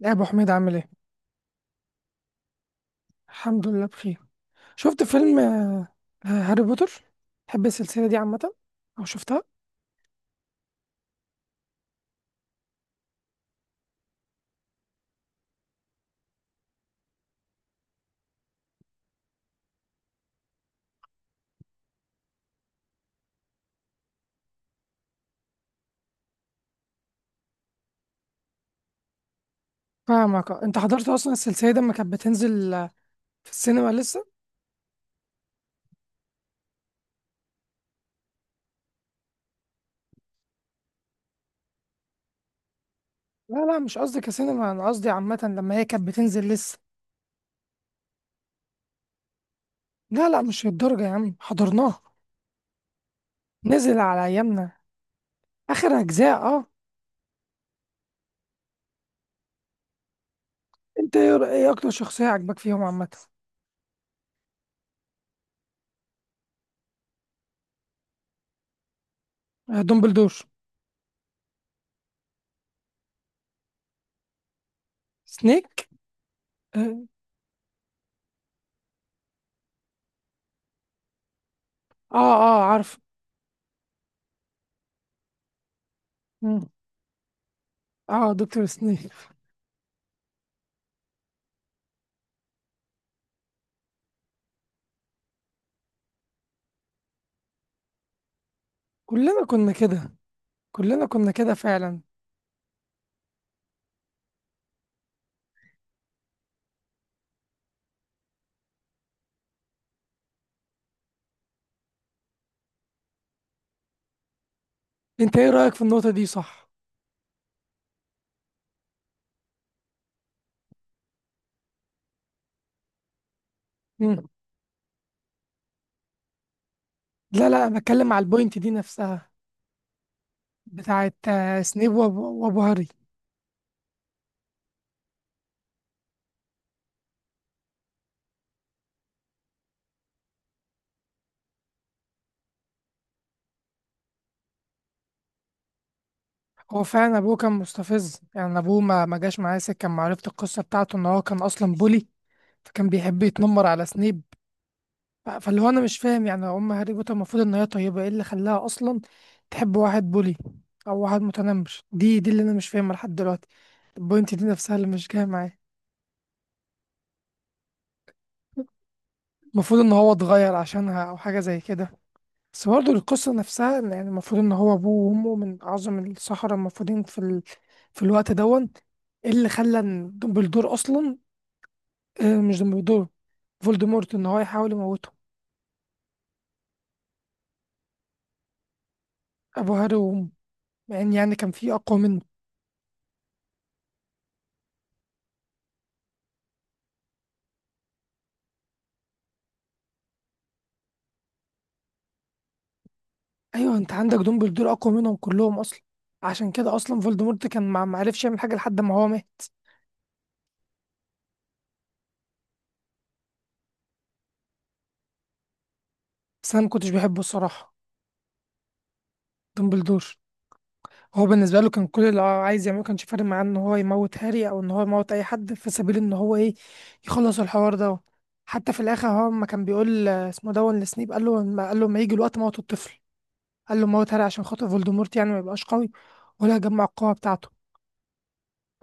يا ابو حميد، عامل ايه؟ الحمد لله بخير. شفت فيلم. هاري بوتر. تحب السلسله دي عامه او شفتها؟ فاهمك. آه. انت حضرت اصلا السلسله دي لما كانت بتنزل في السينما لسه؟ لا، لا، مش قصدي كسينما، انا قصدي عامه لما هي كانت بتنزل لسه. لا، لا، مش للدرجه يا عم، حضرناها. نزل على ايامنا، اخر اجزاء. اه. انت ايه إيه اكتر شخصيه عجبك فيهم عامه؟ دومبلدور. سنيك. اه، اه. آه، عارف. مم. اه، دكتور سنيك. كلنا كنا كده. كلنا كنا كده فعلا. انت ايه رأيك في النقطة دي، صح؟ مم. لا، لا، أنا بتكلم على البوينت دي نفسها. بتاعت سنيب وابو وأبو هاري. هو فعلا ابوه كان مستفز، يعني ابوه ما جاش معاه سكه لما عرفت القصه بتاعته ان هو كان اصلا بولي. فكان بيحب يتنمر على سنيب. فاللي هو انا مش فاهم، يعني ام هاري بوتر المفروض ان هي طيبه، ايه اللي خلاها اصلا تحب واحد بولي؟ او واحد متنمر. دي اللي انا مش فاهمها لحد دلوقتي. البوينت دي نفسها اللي مش جايه معايا. المفروض ان هو اتغير عشانها او حاجه زي كده. بس برضه القصة نفسها إن يعني المفروض إن هو أبوه وأمه من أعظم السحرة المفروضين في الوقت دون. إيه اللي خلى إن دمبلدور أصلا، مش دمبلدور، فولدمورت، إن هو يحاول يموته؟ أبو هاري وأمه، مع إن يعني كان في أقوى منه. أيوه، أنت عندك دمبلدور أقوى منهم كلهم أصلا. عشان كده أصلا فولدمورت كان ما عرفش يعمل حاجة لحد ما هو مات. بس أنا ما كنتش بحبه الصراحة. دمبلدور. هو بالنسبة له كان كل اللي هو عايز يعمله، كانش فارق معاه ان هو يموت هاري او ان هو يموت اي حد في سبيل ان هو ايه، يخلص الحوار ده. حتى في الاخر هو ما كان بيقول اسمه دون لسنيب، قال له ما يجي الوقت موت الطفل. قال له موت هاري عشان خاطر فولدمورت يعني ما يبقاش قوي، ولا يجمع القوة بتاعته.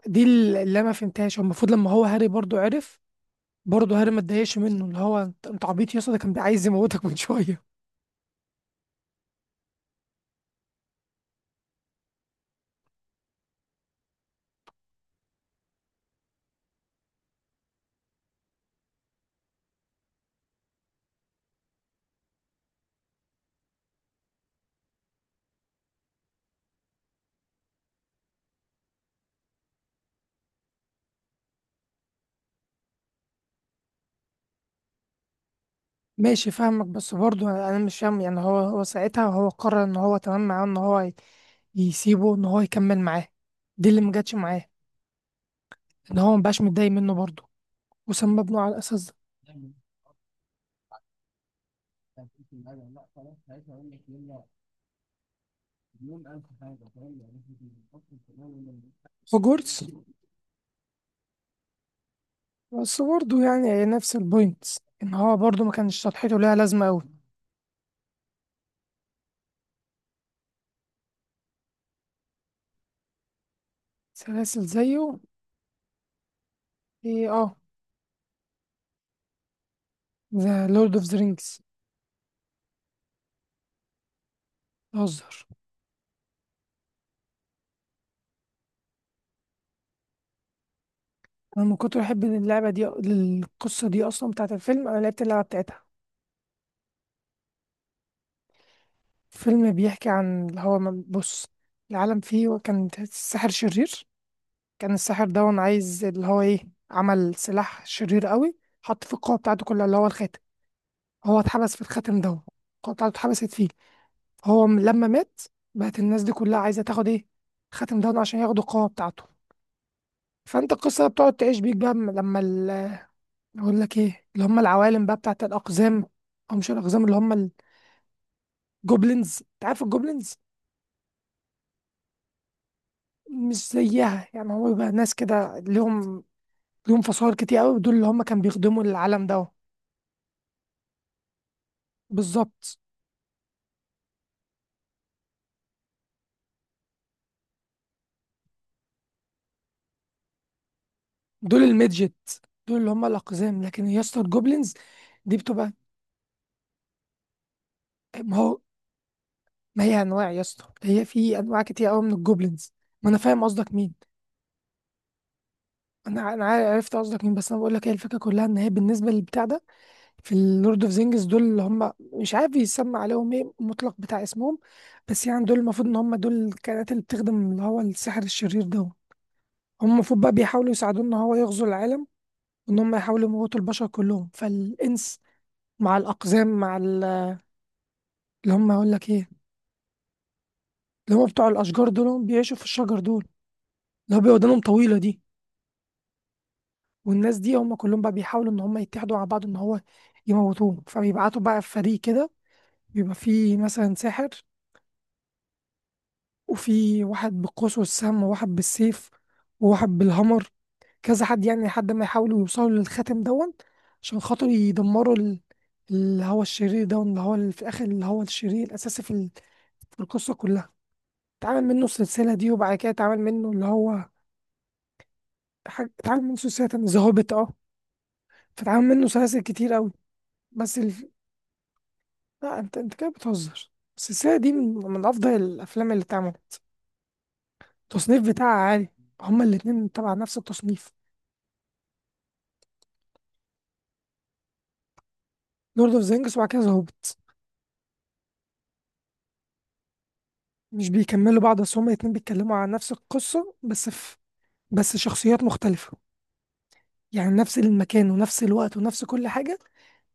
دي اللي انا فهمتهاش. هو المفروض لما هو هاري برضو عرف، برضه هاري ما اتضايقش منه، اللي هو أنت عبيط يا اسطى، ده كان عايز يموتك من شوية. ماشي، فاهمك، بس برضه انا مش فاهم، يعني هو ساعتها هو قرر ان هو تمام معاه ان هو يسيبه ان هو يكمل معاه. دي اللي مجتش معاه، ان هو مبقاش متضايق منه برضه. وسمى ابنه على الاساس ده. هوجورتس. بس برضه يعني هي نفس البوينت، ان هو برضه ما كانش شطحته ليها لازمه قوي. سلاسل زيه؟ ايه، اه. ذا لورد اوف ذا رينجز. بهزر. انا من كتر احب اللعبه دي، القصه دي اصلا بتاعت الفيلم، انا لعبت اللعبه بتاعتها. فيلم بيحكي عن اللي هو بص، العالم فيه كان الساحر شرير. كان الساحر ده عايز اللي هو ايه، عمل سلاح شرير قوي. حط في القوة بتاعته كلها اللي هو الخاتم. هو اتحبس في الخاتم ده. القوة بتاعته اتحبست فيه. هو لما مات، بقت الناس دي كلها عايزة تاخد ايه، الخاتم ده عشان ياخدوا القوة بتاعته. فانت القصة بتقعد تعيش بيك بقى. اقول لك ايه، اللي هم العوالم بقى بتاعت الأقزام، أو مش الأقزام، اللي هم الجوبلينز. انت عارف الجوبلينز؟ مش زيها، يعني هو بيبقى ناس كده ليهم فصائل كتير قوي، دول اللي هم كانوا بيخدموا العالم ده. بالظبط. دول الميدجت. دول اللي هم الاقزام، لكن يا اسطى الجوبلينز دي بتبقى. ما هو، ما هي انواع يا اسطى، هي في انواع كتير قوي من الجوبلينز. ما انا فاهم قصدك مين. انا عرفت قصدك مين، بس انا بقول لك هي الفكره كلها، ان هي بالنسبه للبتاع ده، في اللورد اوف زينجز دول اللي هم مش عارف يسمى عليهم ايه المطلق بتاع اسمهم. بس يعني دول المفروض ان هم دول الكائنات اللي بتخدم اللي هو السحر الشرير ده. هم المفروض بقى بيحاولوا يساعدوه ان هو يغزو العالم، وان هم يحاولوا يموتوا البشر كلهم، فالانس مع الاقزام، مع اللي هم اقول لك ايه، اللي هم بتوع الاشجار دول، هم بيعيشوا في الشجر دول، اللي هو بيبقى ودانهم طويله دي. والناس دي هم كلهم بقى بيحاولوا ان هم يتحدوا مع بعض ان هو يموتوه، فبيبعتوا بقى في فريق كده. بيبقى فيه مثلا ساحر، وفي واحد بالقوس والسم، وواحد بالسيف، وواحد بالهمر، كذا حد، يعني لحد ما يحاولوا يوصلوا للخاتم دون، عشان خاطر يدمروا اللي هو الشرير ده، اللي هو في الاخر اللي هو الشرير الاساسي في القصه كلها. اتعمل منه السلسله دي، وبعد كده اتعمل منه اللي هو حاجة، اتعمل منه سلسله تانية، ذا هوبيت. اه. فاتعمل منه سلاسل كتير قوي. بس لا، انت كده بتهزر. السلسله دي من افضل الافلام اللي اتعملت. التصنيف بتاعها عالي. هما الاتنين طبعا نفس التصنيف. لورد اوف ذا رينجز، وبعد كده ذا هوبيت. مش بيكملوا بعض، بس هما الاتنين بيتكلموا عن نفس القصة، بس بس شخصيات مختلفة. يعني نفس المكان ونفس الوقت ونفس كل حاجة،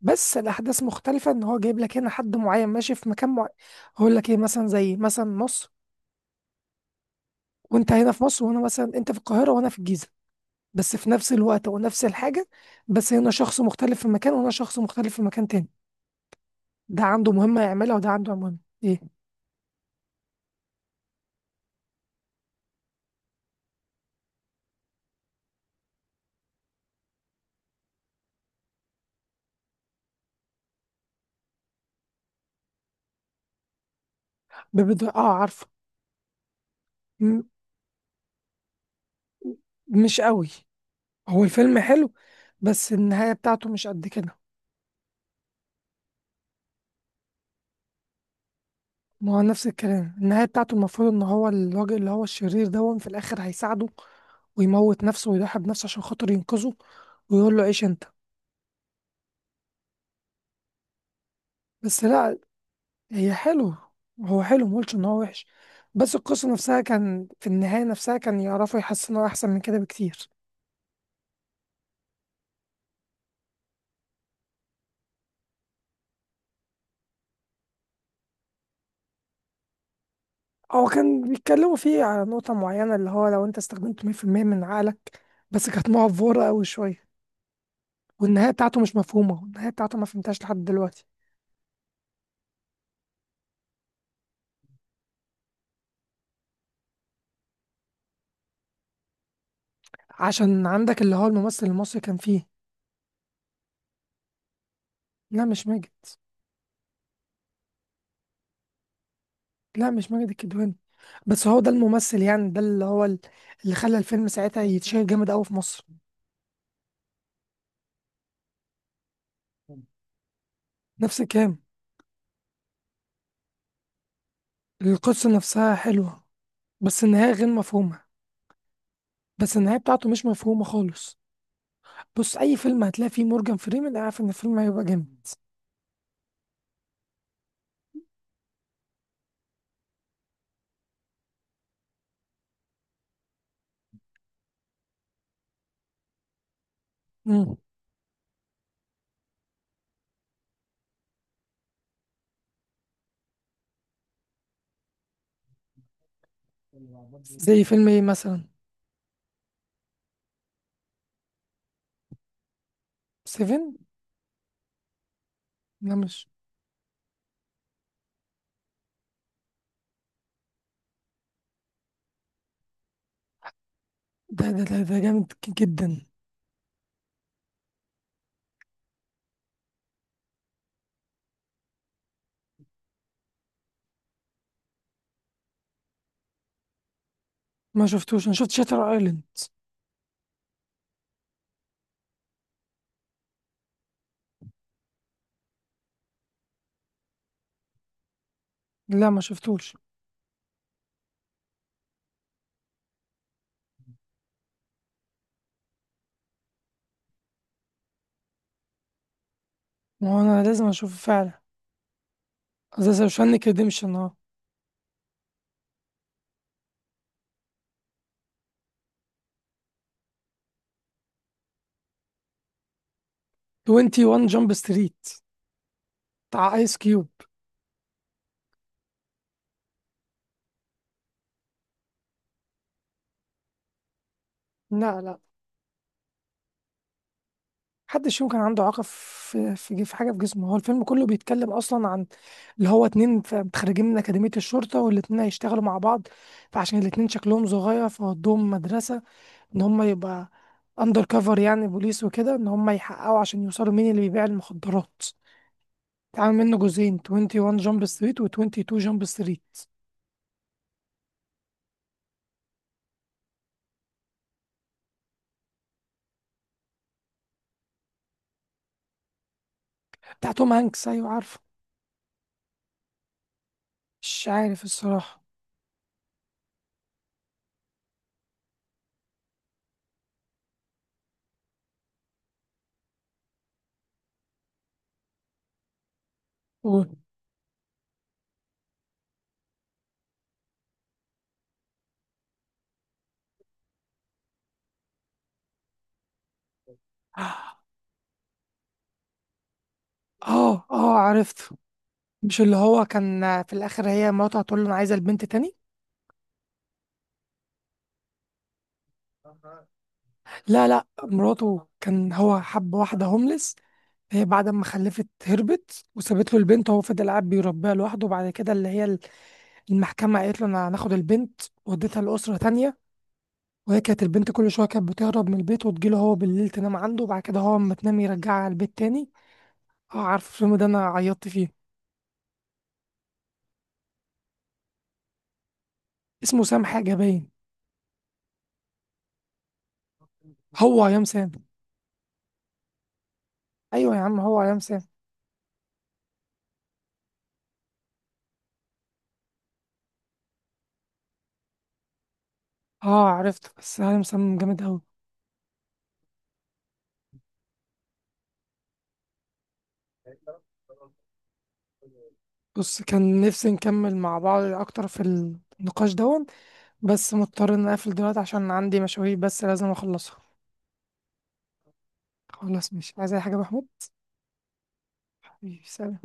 بس الأحداث مختلفة، إن هو جايب لك هنا حد معين ماشي في مكان معين. هقول لك إيه، مثلا زي مثلا مصر، وأنت هنا في مصر وأنا مثلا، أنت في القاهرة وأنا في الجيزة، بس في نفس الوقت ونفس الحاجة. بس هنا شخص مختلف في مكان، وهنا شخص مختلف في مكان تاني. ده عنده مهمة يعملها وده عنده مهمة. إيه؟ ببدأ. آه، عارفه. م- مش قوي. هو الفيلم حلو، بس النهاية بتاعته مش قد كده. ما هو نفس الكلام، النهاية بتاعته المفروض ان هو الراجل اللي هو الشرير ده في الاخر هيساعده، ويموت نفسه ويضحي بنفسه عشان خاطر ينقذه، ويقول له عيش انت. بس لا. هي حلو. هو حلو، مقولش ان هو وحش، بس القصة نفسها كان في النهاية نفسها كان يعرفوا يحسنوا احسن من كده بكتير. هو كان بيتكلموا فيه على نقطة معينة، اللي هو لو انت استخدمت 100% من عقلك، بس كانت مقفورة أوي شوية. والنهاية بتاعته مش مفهومة، النهاية بتاعته ما فهمتهاش لحد دلوقتي. عشان عندك اللي هو الممثل المصري كان فيه. لا، مش ماجد. لا، مش ماجد الكدواني، بس هو ده الممثل يعني، ده اللي هو اللي خلى الفيلم ساعتها يتشهر جامد قوي في مصر. نفس الكلام. القصة نفسها حلوة، بس النهاية غير مفهومة. بس النهاية بتاعته مش مفهومة خالص. بص، أي فيلم هتلاقي فيه مورجان فريمان أنا عارف إن الفيلم هيبقى جامد. مم. زي فيلم إيه مثلا؟ سيفن. لا، مش ده جامد جدا. ما شفتوش، أنا شفت شاتر أيلاند. لا، ما شفتوش. ما هو أنا لازم أشوفه فعلا. أساسا شانك ريديمشن. 21 جامب ستريت. بتاع ايس كيوب. لا، لا، محدش يمكن عنده اعاقه في حاجه في جسمه. هو الفيلم كله بيتكلم اصلا عن اللي هو اتنين متخرجين من اكاديميه الشرطه، والاتنين هيشتغلوا مع بعض، فعشان الاتنين شكلهم صغير فودوهم مدرسه، ان هم يبقى اندر كفر، يعني بوليس وكده، ان هم يحققوا عشان يوصلوا مين اللي بيبيع المخدرات. اتعمل منه جزئين، 21 جامب ستريت و22 جامب ستريت. بتاع توم هانكس. ايوه، عارفه. مش عارف الصراحه. قول. اه، اه، عرفته. مش اللي هو كان في الاخر هي مراته هتقول له انا عايزه البنت تاني؟ لا، لا، مراته كان هو حب واحده هوملس. هي بعد ما خلفت هربت وسابت له البنت، وهو فضل قاعد بيربيها لوحده، وبعد كده اللي هي المحكمه قالت له انا هناخد البنت وديتها لاسره تانية. وهي كانت البنت كل شويه كانت بتهرب من البيت وتجيله هو بالليل تنام عنده، وبعد كده هو اما تنام يرجعها على البيت تاني. اه، عارف الفيلم ده، انا عيطت فيه. اسمه سام حاجه باين. هو يا سام. ايوه يا عم، هو يا سام. اه، عرفت. بس هاي مسمم جامد أوي. بص، كان نفسي نكمل مع بعض أكتر في النقاش دون، بس مضطر إن أقفل دلوقتي عشان عندي مشاوير بس لازم أخلصها. خلاص، مش عايز أي حاجة يا محمود. حبيبي، سلام.